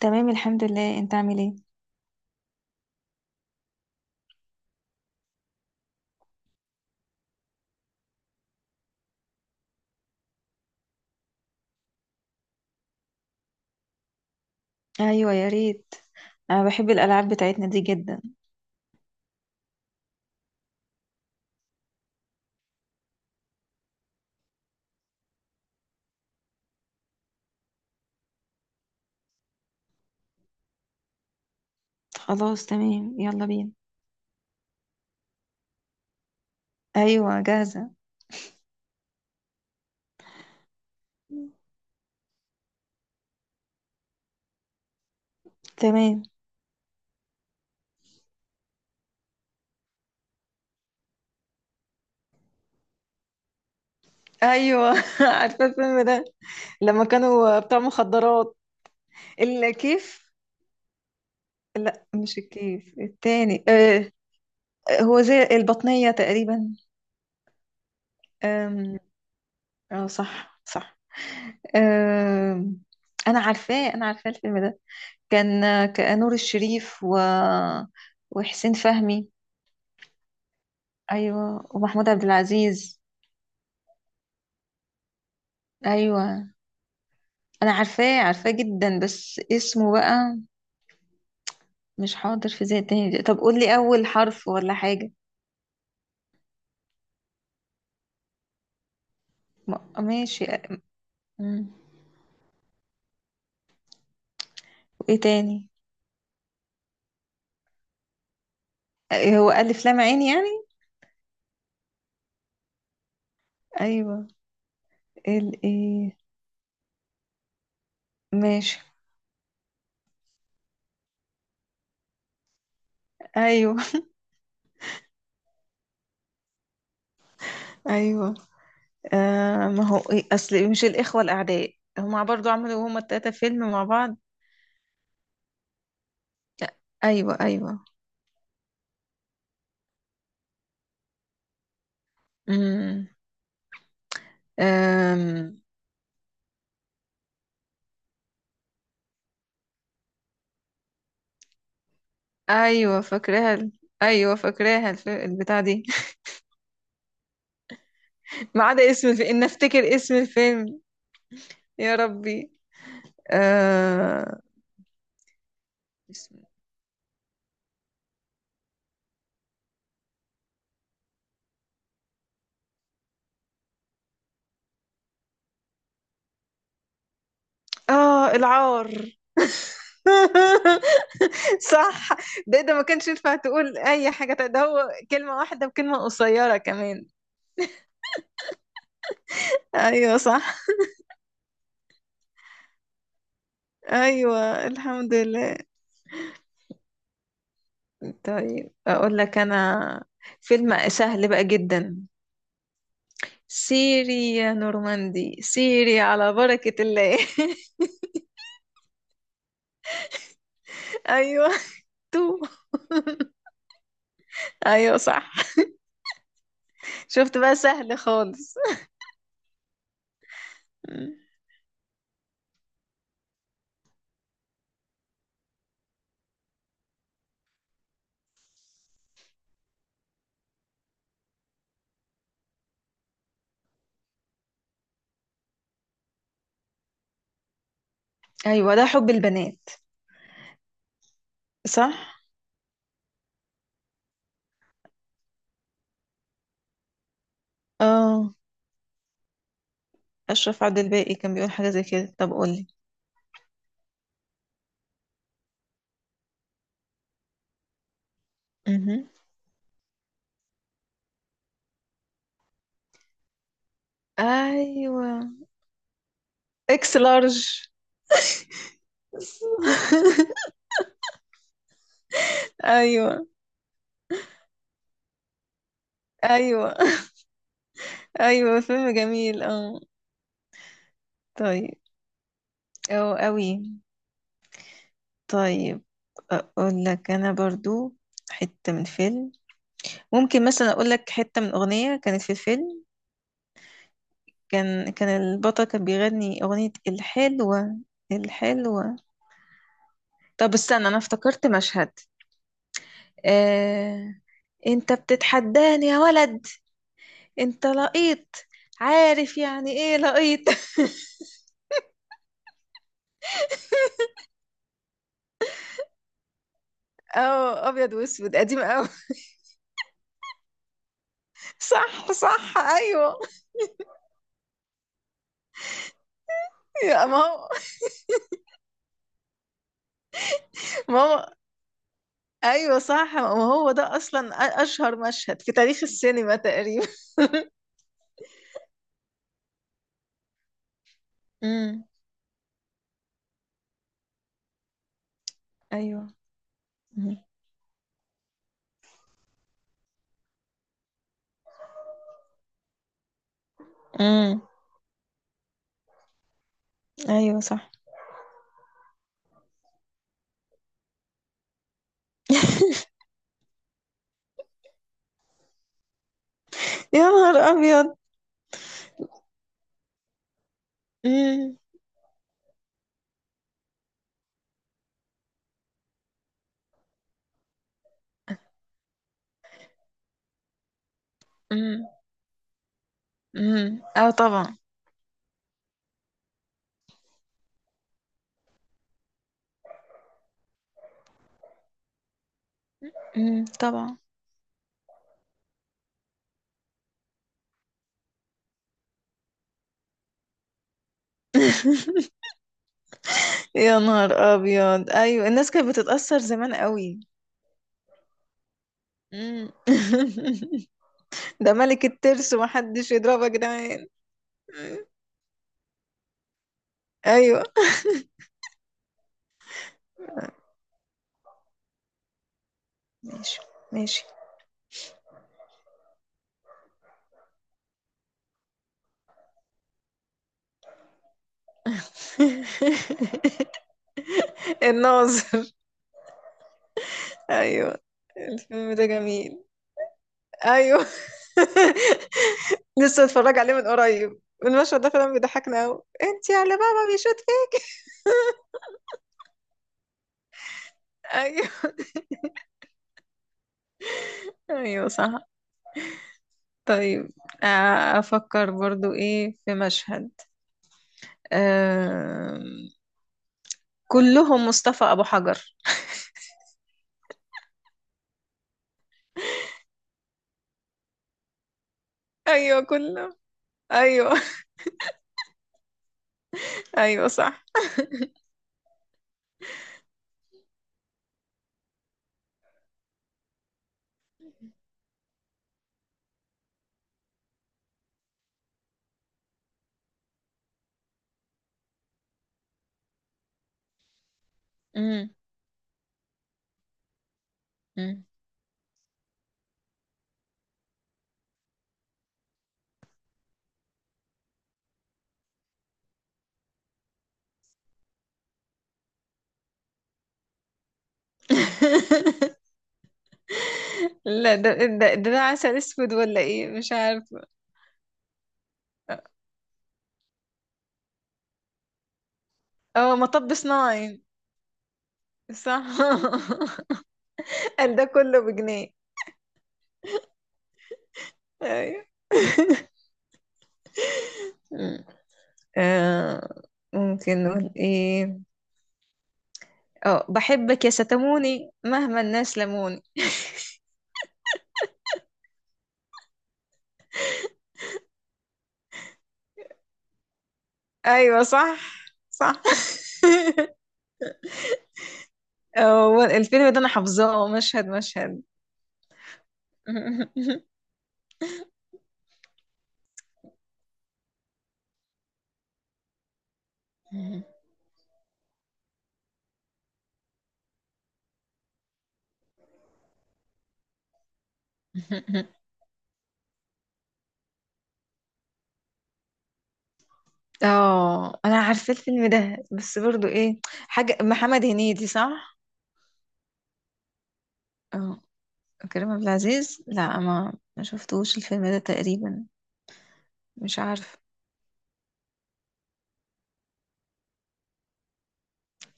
تمام، الحمد لله. انت عامل ايه؟ ايوه، يا ريت. انا بحب الالعاب بتاعتنا دي جدا. خلاص، تمام. يلا بينا. ايوه، جاهزه. تمام. ايوه، عارفه الفيلم ده. لما كانوا بتاع مخدرات. الكيف. لا، مش الكيف التاني. آه. هو زي البطنيه تقريبا. آم. اه، صح صح. آم. انا عارفاه الفيلم ده. كان نور الشريف وحسين فهمي. ايوه، ومحمود عبد العزيز. ايوه، انا عارفاه جدا، بس اسمه بقى مش حاضر في ذهني تاني. طب قول لي اول حرف ولا حاجه. ماشي. مم. وايه تاني؟ إيه، هو الف لام عين يعني؟ ايوه. ال ايه؟ ماشي. ايوه. ايوه. آه، ما هو إيه، اصل مش الاخوه الاعداء هما برضو عملوا، هما التلاته فيلم مع بعض. ايوه، ايوه. امم. ايوه، فاكراها. ايوه، فاكراها البتاع دي. ما عدا اسم الفيلم، ان افتكر اسم الفيلم. يا ربي. آه. اسم. اه، العار. صح. ده ما كانش ينفع تقول اي حاجه تانية. ده هو كلمه واحده بكلمه قصيره كمان. ايوه، صح. ايوه، الحمد لله. طيب، اقول لك انا. فيلم سهل بقى جدا. سيري يا نورماندي، سيري على بركة الله. ايوه. تو. ايوه، صح. شفت بقى سهل خالص. مم. ايوه، ده حب البنات. صح. اه. اشرف عبد الباقي كان بيقول حاجه زي كده. طب قولي. مهم. ايوه. اكس لارج. ايوه. ايوه. ايوه، فيلم جميل، اه. طيب. او قوي. طيب. اقول لك انا برضو حته من فيلم. ممكن مثلا اقول لك حته من اغنيه كانت في الفيلم. كان البطل كان بيغني أغنية الحلوة. الحلوة. طب استنى، أنا افتكرت مشهد. آه... أنت بتتحداني يا ولد. أنت لقيط. عارف يعني إيه لقيط؟ اه، أبيض وأسود، قديم أوي. صح، صح، أيوه. يا ما هو. ما هو. أيوه صح، ما هو ده أصلا أشهر مشهد في تاريخ السينما تقريبا. امم. أيوه. امم. أمم. أيوه، صح. يا نهار أبيض. امم. امم، اه، طبعا. امم، طبعا. يا نهار ابيض، ايوه. الناس كانت بتتأثر زمان قوي. امم. ده ملك الترس ومحدش يضربه يا جدعان. مم. ايوه. ماشي، ماشي. الناظر. ايوه. الفيلم ده جميل. ايوه. لسه اتفرج عليه من قريب. المشهد ده فعلا بيضحكنا قوي، انت يا اللي بابا بيشوت فيه. ايوه. ايوه، صح. طيب. أفكر برضو إيه في مشهد. آه، كلهم مصطفى أبو حجر. أيوة، كلهم. أيوة. أيوة، صح. مم. مم. لا، ده عسل أسود ولا إيه، مش عارفة. أه، مطب صناعي. صح. قال ده كله بجنيه. أيوة. مم. آه، ممكن نقول إيه؟ أه، بحبك يا ستموني مهما الناس لموني. ايوه، صح، صح. هو الفيلم ده انا حافظاه مشهد مشهد. اه، انا عارفه الفيلم ده بس برضو ايه، حاجه محمد هنيدي، صح؟ اه. كريم عبد العزيز، لا، ما شفتوش الفيلم ده تقريبا. مش عارف.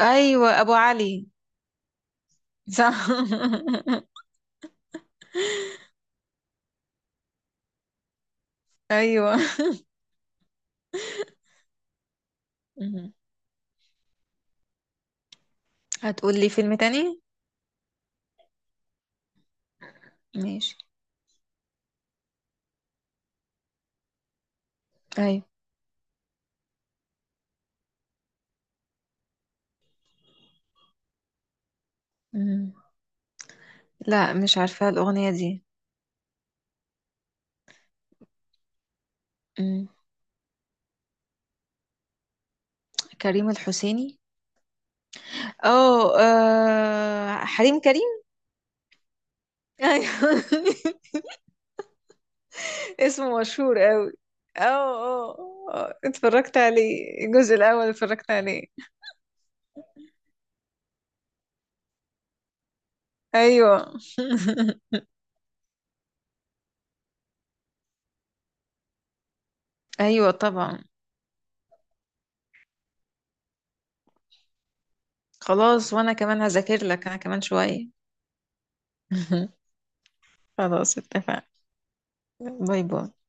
ايوه، ابو علي. صح. ايوه. مهم. هتقول لي فيلم تاني؟ ماشي. ايوه. مم. لا، مش عارفه الاغنيه دي. كريم الحسيني. اه، حريم كريم. ايوه. اسمه مشهور قوي. اه، اه. اتفرجت عليه الجزء الاول، اتفرجت عليه. ايوه. ايوه، طبعا. خلاص، وانا كمان هذاكر لك، انا كمان شويه. خلاص، اتفقنا. باي باي.